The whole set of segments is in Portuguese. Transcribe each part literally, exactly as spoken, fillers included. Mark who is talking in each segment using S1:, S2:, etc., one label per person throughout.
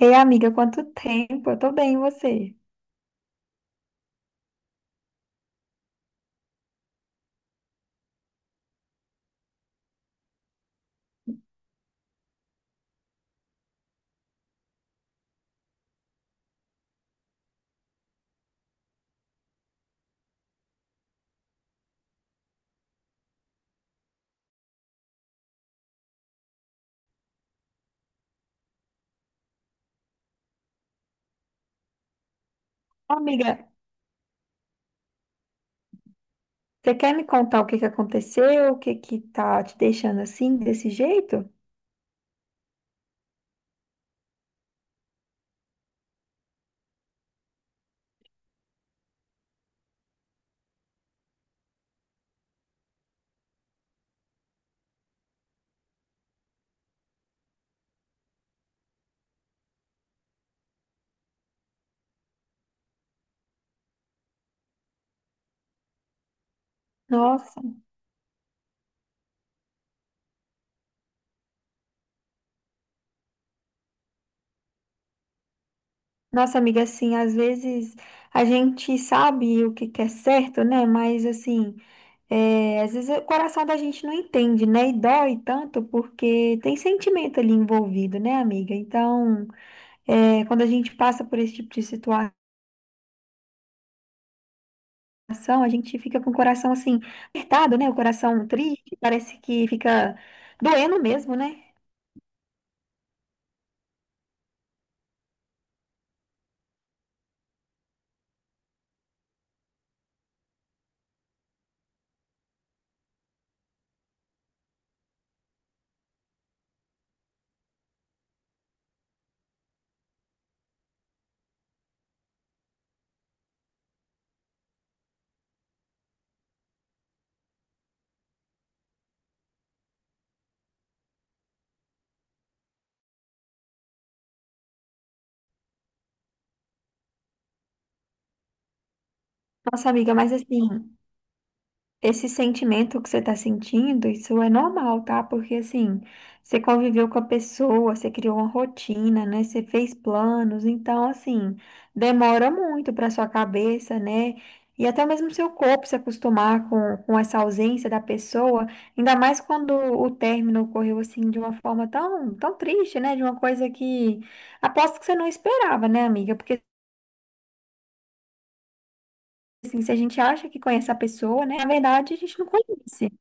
S1: Ei, amiga, quanto tempo? Eu tô bem, e você? Amiga, você quer me contar o que que aconteceu? O que que tá te deixando assim, desse jeito? Nossa. Nossa, amiga, assim, às vezes a gente sabe o que que é certo, né? Mas, assim, é, às vezes o coração da gente não entende, né? E dói tanto porque tem sentimento ali envolvido, né, amiga? Então, é, quando a gente passa por esse tipo de situação, a gente fica com o coração, assim, apertado, né? O coração triste, parece que fica doendo mesmo, né? Nossa, amiga, mas, assim. Esse sentimento que você está sentindo, isso é normal, tá? Porque assim, você conviveu com a pessoa, você criou uma rotina, né? Você fez planos, então assim, demora muito para sua cabeça, né? E até mesmo seu corpo se acostumar com, com essa ausência da pessoa, ainda mais quando o término ocorreu assim de uma forma tão, tão triste, né? De uma coisa que aposto que você não esperava, né, amiga? Porque assim, se a gente acha que conhece a pessoa, né? Na verdade, a gente não conhece.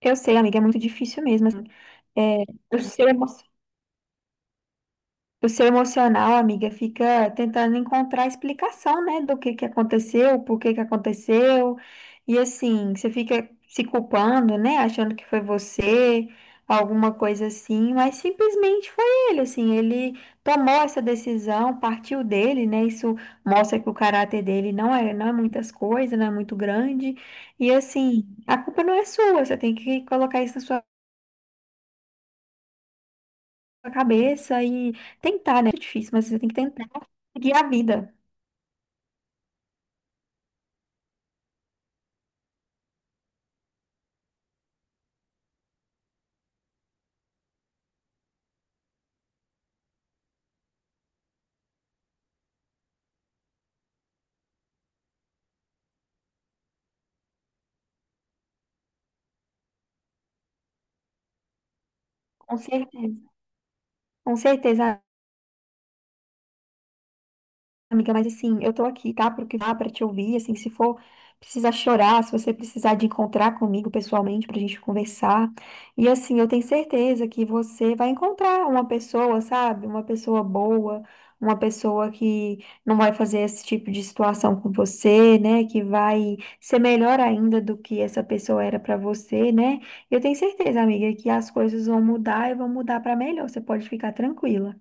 S1: Eu sei, amiga, é muito difícil mesmo. Assim. É, o seu emo- o seu emocional, amiga, fica tentando encontrar explicação, né, do que que aconteceu, por que que aconteceu. E assim, você fica se culpando, né, achando que foi você, alguma coisa assim, mas simplesmente foi ele, assim, ele tomou essa decisão, partiu dele, né? Isso mostra que o caráter dele não é, não é muitas coisas, não é muito grande. E assim, a culpa não é sua, você tem que colocar isso na sua a cabeça e tentar, né? É difícil, mas você tem que tentar seguir a vida. Com certeza. Com certeza. Amiga, mas assim, eu tô aqui, tá? Pro que dá pra te ouvir, assim, se for precisar chorar, se você precisar de encontrar comigo pessoalmente pra gente conversar. E assim, eu tenho certeza que você vai encontrar uma pessoa, sabe? Uma pessoa boa, uma pessoa que não vai fazer esse tipo de situação com você, né? Que vai ser melhor ainda do que essa pessoa era pra você, né? Eu tenho certeza, amiga, que as coisas vão mudar e vão mudar pra melhor. Você pode ficar tranquila.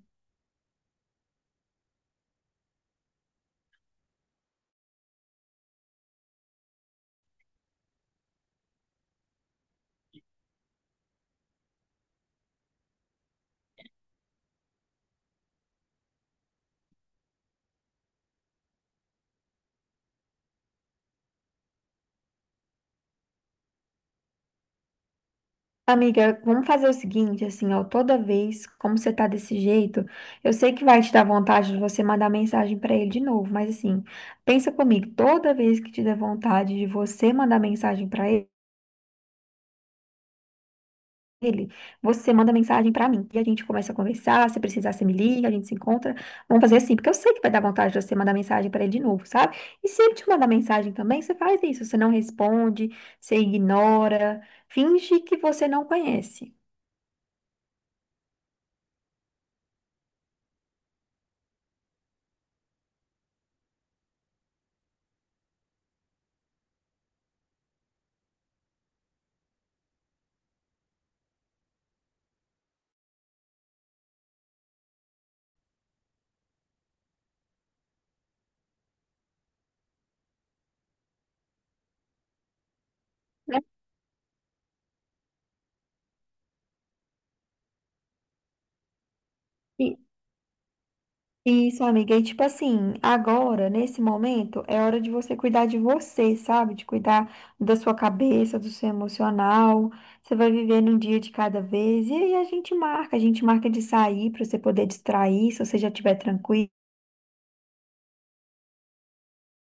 S1: Amiga, vamos fazer o seguinte, assim, ó, toda vez, como você tá desse jeito, eu sei que vai te dar vontade de você mandar mensagem pra ele de novo, mas assim, pensa comigo, toda vez que te der vontade de você mandar mensagem pra ele, você manda mensagem pra mim e a gente começa a conversar, se precisar você me liga, a gente se encontra. Vamos fazer assim, porque eu sei que vai dar vontade de você mandar mensagem pra ele de novo, sabe? E se ele te mandar mensagem também, você faz isso, você não responde, você ignora, finge que você não conhece. Né? Isso, amiga. E tipo assim, agora, nesse momento, é hora de você cuidar de você, sabe? De cuidar da sua cabeça, do seu emocional. Você vai vivendo um dia de cada vez. E aí a gente marca, a gente marca de sair para você poder distrair, se você já estiver tranquila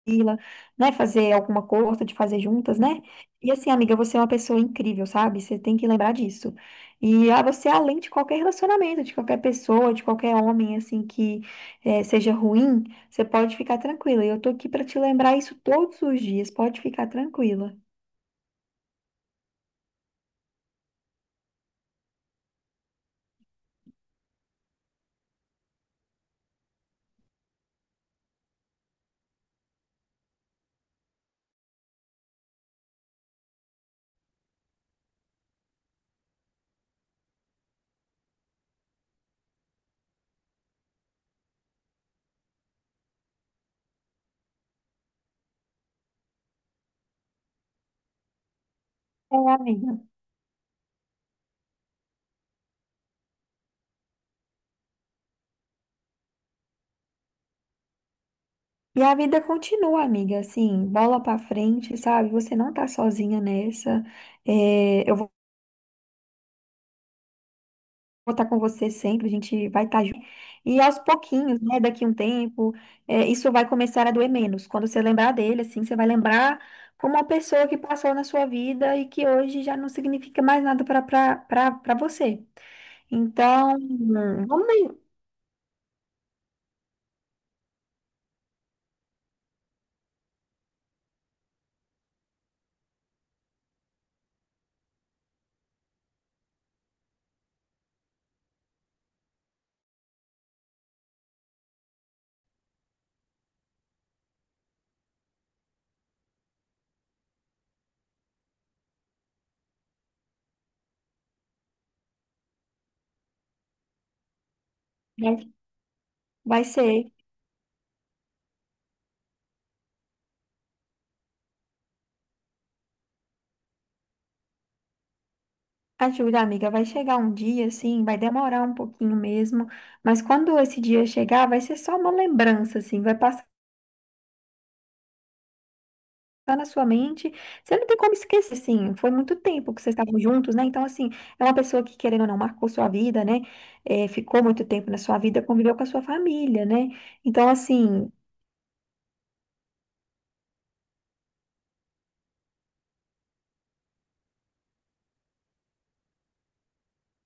S1: mochila, né? Fazer alguma coisa, de fazer juntas, né? E assim, amiga, você é uma pessoa incrível, sabe? Você tem que lembrar disso. E ah, você, é além de qualquer relacionamento, de qualquer pessoa, de qualquer homem, assim, que eh, seja ruim, você pode ficar tranquila. E eu tô aqui pra te lembrar isso todos os dias, pode ficar tranquila. É, amiga. E a vida continua, amiga, assim, bola pra frente, sabe? Você não tá sozinha nessa. É, eu vou estar com você sempre, a gente vai estar junto. E aos pouquinhos, né, daqui um tempo, é, isso vai começar a doer menos. Quando você lembrar dele, assim, você vai lembrar como uma pessoa que passou na sua vida e que hoje já não significa mais nada para para para você. Então, vamos aí. Vai vai ser. Ajuda, amiga, vai chegar um dia, assim, vai demorar um pouquinho mesmo, mas quando esse dia chegar, vai ser só uma lembrança, assim, vai passar. Tá na sua mente. Você não tem como esquecer, assim, foi muito tempo que vocês estavam juntos, né? Então, assim, é uma pessoa que, querendo ou não, marcou sua vida, né? É, ficou muito tempo na sua vida, conviveu com a sua família, né? Então, assim,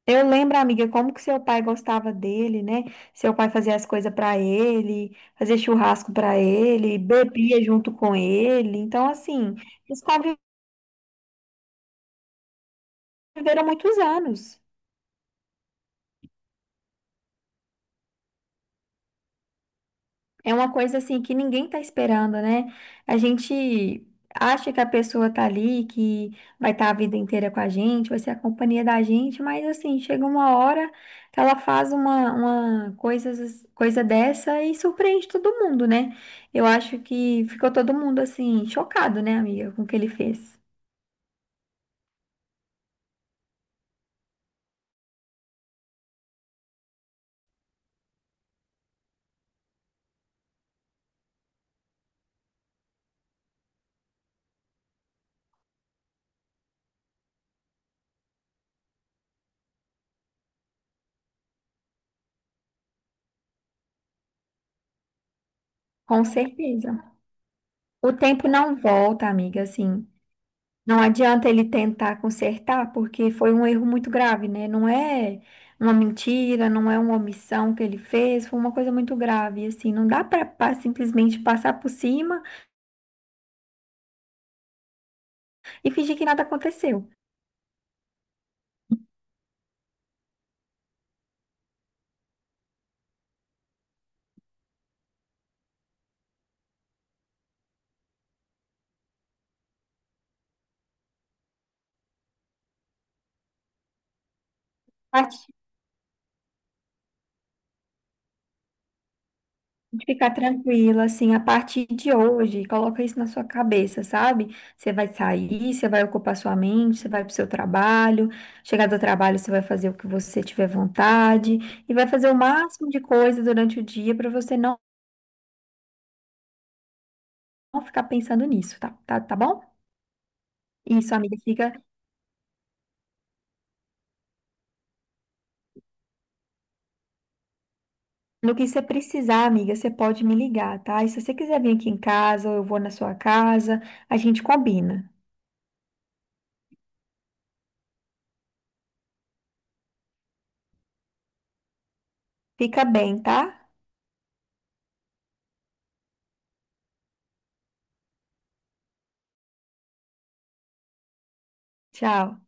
S1: eu lembro, amiga, como que seu pai gostava dele, né? Seu pai fazia as coisas pra ele, fazia churrasco pra ele, bebia junto com ele. Então, assim, eles conviveram muitos anos. É uma coisa assim que ninguém tá esperando, né? A gente acha que a pessoa tá ali, que vai estar a vida inteira com a gente, vai ser a companhia da gente, mas assim, chega uma hora que ela faz uma, uma coisa, coisa dessa e surpreende todo mundo, né? Eu acho que ficou todo mundo assim, chocado, né, amiga, com o que ele fez. Com certeza. O tempo não volta, amiga, assim. Não adianta ele tentar consertar, porque foi um erro muito grave, né? Não é uma mentira, não é uma omissão que ele fez, foi uma coisa muito grave, assim, não dá para simplesmente passar por cima e fingir que nada aconteceu. A parte de ficar tranquila, assim, a partir de hoje, coloca isso na sua cabeça, sabe? Você vai sair, você vai ocupar sua mente, você vai pro seu trabalho, chegar do trabalho, você vai fazer o que você tiver vontade e vai fazer o máximo de coisa durante o dia para você não não ficar pensando nisso, tá? Tá, tá bom? Isso, amiga, fica no que você precisar, amiga, você pode me ligar, tá? E se você quiser vir aqui em casa, ou eu vou na sua casa, a gente combina. Fica bem, tá? Tchau.